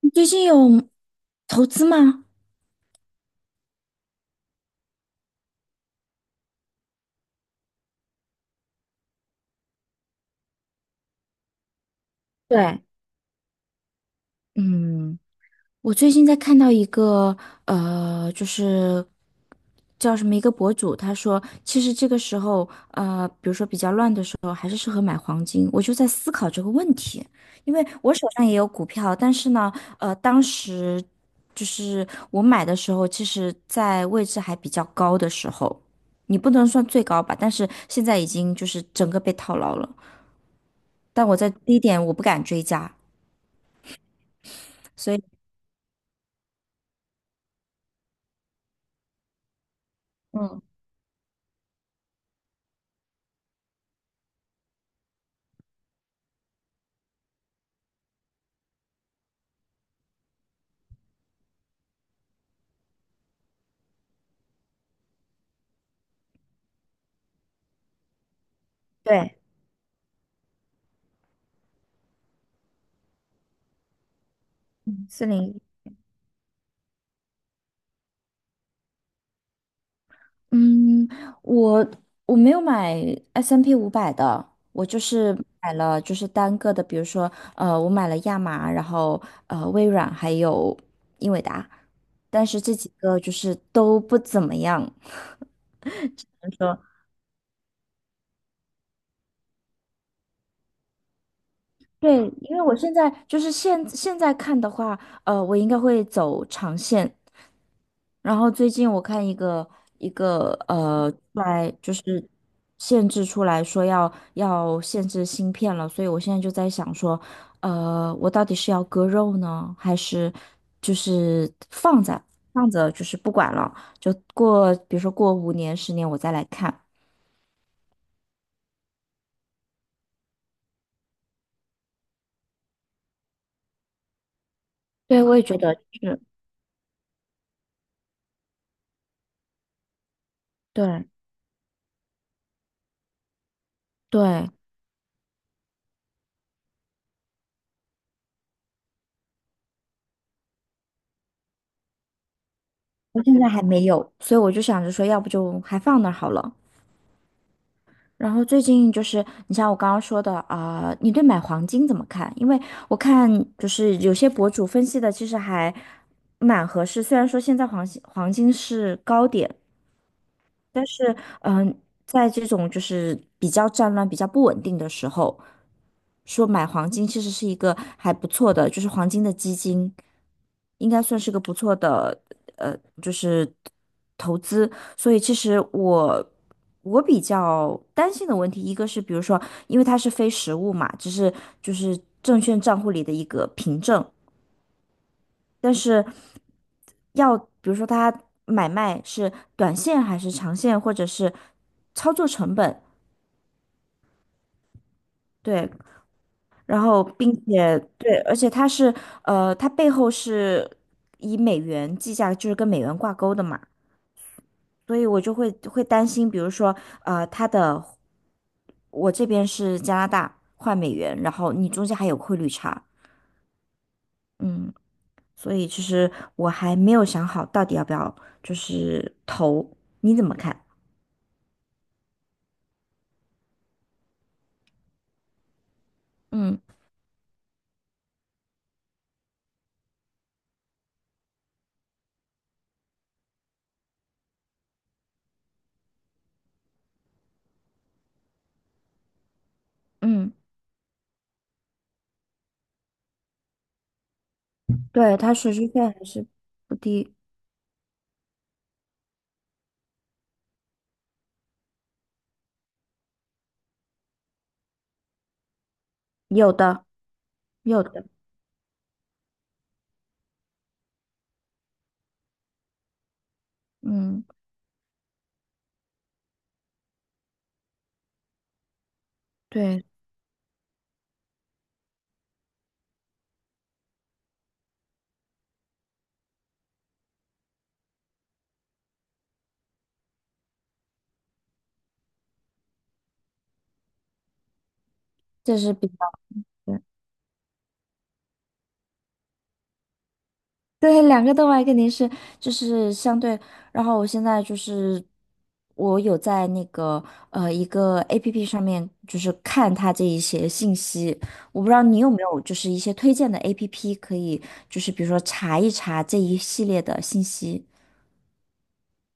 你最近有投资吗？对，嗯，我最近在看到一个就是叫什么一个博主，他说其实这个时候比如说比较乱的时候，还是适合买黄金。我就在思考这个问题，因为我手上也有股票，但是呢，当时就是我买的时候，其实在位置还比较高的时候，你不能算最高吧，但是现在已经就是整个被套牢了。但我在低点我不敢追加，所以嗯，对，401，嗯，我我没有买 S&P 500的，我就是买了就是单个的，比如说我买了亚麻，然后微软还有英伟达，但是这几个就是都不怎么样。对，因为我现在就是现在看的话，我应该会走长线。然后最近我看一个出来就是限制出来说要限制芯片了，所以我现在就在想说，我到底是要割肉呢，还是就是放着放着就是不管了，就过比如说过5年10年我再来看。对，我也觉得是，对对。现在还没有，所以我就想着说，要不就还放那儿好了。然后最近就是，你像我刚刚说的啊、你对买黄金怎么看？因为我看就是有些博主分析的，其实还蛮合适。虽然说现在黄金是高点，但是，在这种就是比较战乱、比较不稳定的时候，说买黄金其实是一个还不错的，就是黄金的基金，应该算是个不错的，呃，就是投资。所以，其实我比较担心的问题，一个是比如说，因为它是非实物嘛，只是就是证券账户里的一个凭证。但是要比如说他买卖是短线还是长线，或者是操作成本，对，然后并且对，而且它是它背后是以美元计价，就是跟美元挂钩的嘛，所以我就会担心，比如说它的我这边是加拿大换美元，然后你中间还有汇率差，嗯，所以其实我还没有想好到底要不要就是投，你怎么看？嗯嗯，对，他手续费还是不低，有的有的，嗯，对，这是比较对，对，两个都脉肯定是就是相对，然后我现在就是我有在那个一个 APP 上面就是看它这一些信息，我不知道你有没有就是一些推荐的 APP 可以就是比如说查一查这一系列的信息，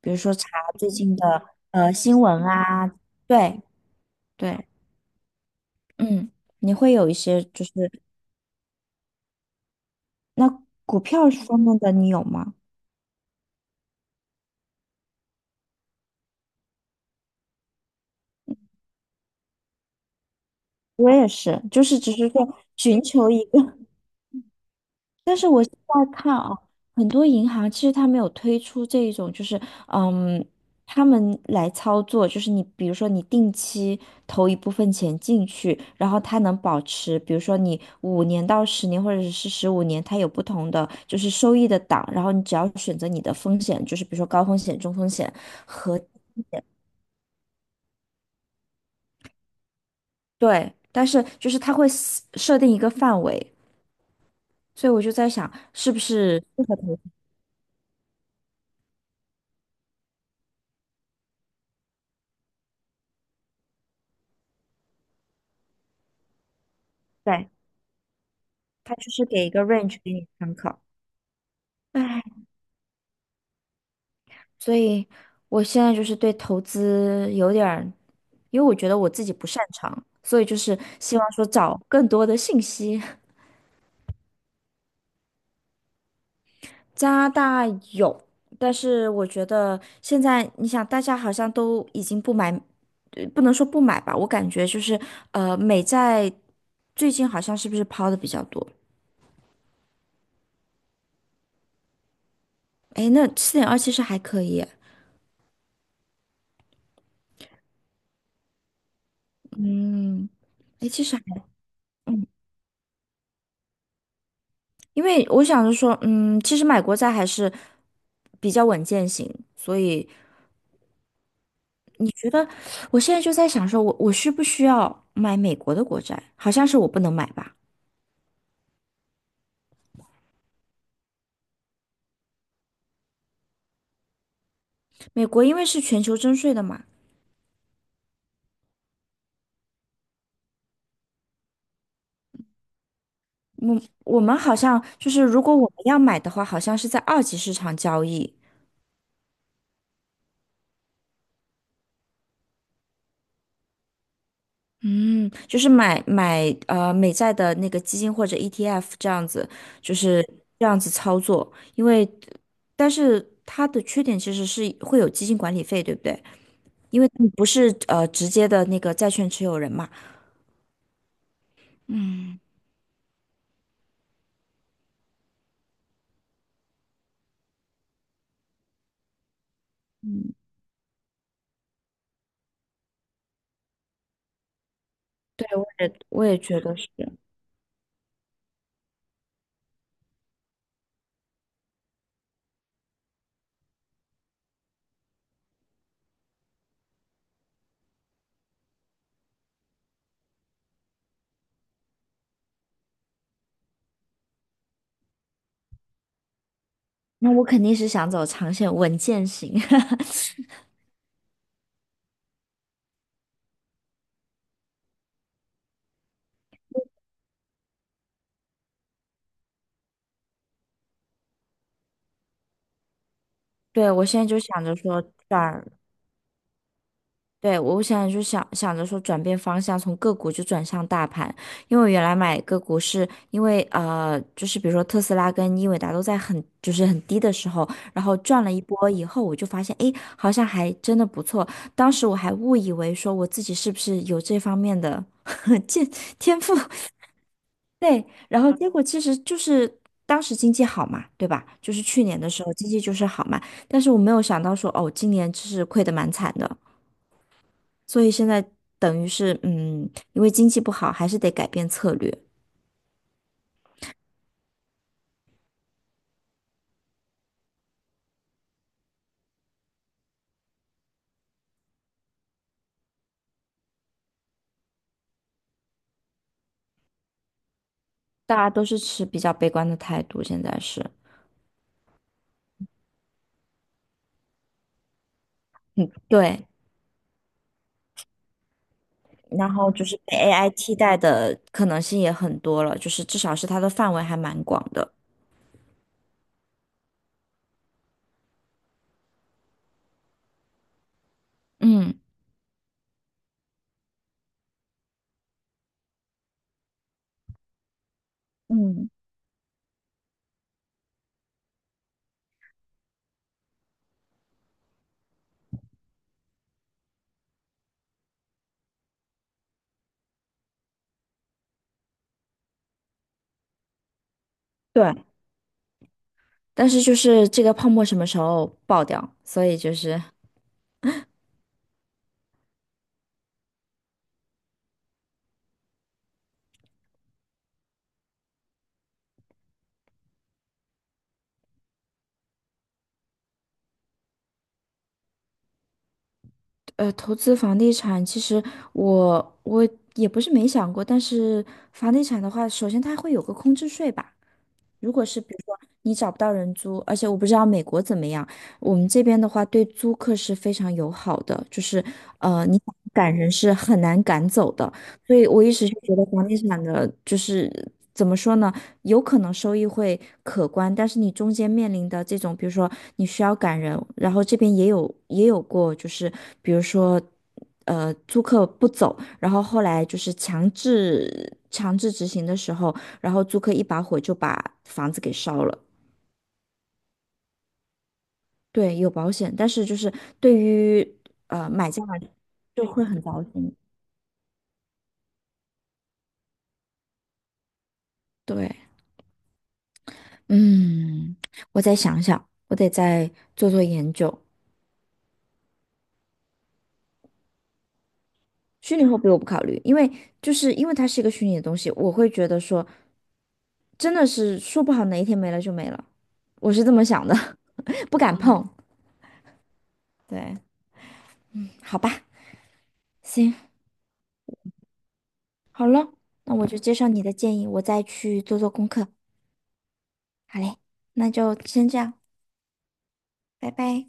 比如说查最近的新闻啊，对对。嗯，你会有一些就是那股票方面的你有吗？我也是，就是只是说寻求一个，但是我现在看啊，很多银行其实它没有推出这一种，就是嗯，他们来操作，就是你比如说你定期投一部分钱进去，然后它能保持，比如说你5年到10年或者是15年，它有不同的就是收益的档，然后你只要选择你的风险，就是比如说高风险、中风险。和。对，但是就是它会 设定一个范围，所以我就在想，是不是适合投资？对，它就是给一个 range 给你参考。唉，所以我现在就是对投资有点儿，因为我觉得我自己不擅长，所以就是希望说找更多的信息。加拿大有，但是我觉得现在你想，大家好像都已经不买，不能说不买吧，我感觉就是美债最近好像是不是抛的比较多？哎，那7.2其实还可以，嗯，哎，其实还，因为我想着说，嗯，其实买国债还是比较稳健型，所以你觉得，我现在就在想说，我需不需要买美国的国债？好像是我不能买吧？美国因为是全球征税的嘛，我们好像就是如果我们要买的话，好像是在二级市场交易，嗯，就是买美债的那个基金或者 ETF 这样子，就是这样子操作。因为，但是它的缺点其实是会有基金管理费，对不对？因为你不是直接的那个债券持有人嘛。嗯，对，我也觉得是。那我肯定是想走长线稳健型。对，我现在就想着说转。对，我想就想想着说转变方向，从个股就转向大盘，因为我原来买个股是因为就是比如说特斯拉跟英伟达都在很就是很低的时候，然后赚了一波以后，我就发现诶，好像还真的不错。当时我还误以为说我自己是不是有这方面的 见天赋，对，然后结果其实就是当时经济好嘛，对吧？就是去年的时候经济就是好嘛，但是我没有想到说哦，今年就是亏得蛮惨的。所以现在等于是，因为经济不好，还是得改变策略。大家都是持比较悲观的态度，现在是。对，然后就是被 AI 替代的可能性也很多了，就是至少是它的范围还蛮广的。嗯嗯，对。但是就是这个泡沫什么时候爆掉？所以就是，投资房地产，其实我也不是没想过，但是房地产的话，首先它会有个空置税吧。如果是比如说你找不到人租，而且我不知道美国怎么样，我们这边的话对租客是非常友好的，就是你想赶人是很难赶走的，所以我一直是觉得房地产的就是怎么说呢，有可能收益会可观，但是你中间面临的这种，比如说你需要赶人，然后这边也有过，就是比如说。租客不走，然后后来就是强制执行的时候，然后租客一把火就把房子给烧了。对，有保险，但是就是对于买家来就会很糟心。对，嗯，我再想想，我得再做做研究。虚拟货币我不考虑，因为它是一个虚拟的东西，我会觉得说真的是说不好哪一天没了就没了，我是这么想的，不敢碰。对，好吧，行，好了，那我就接受你的建议，我再去做做功课。好嘞，那就先这样，拜拜。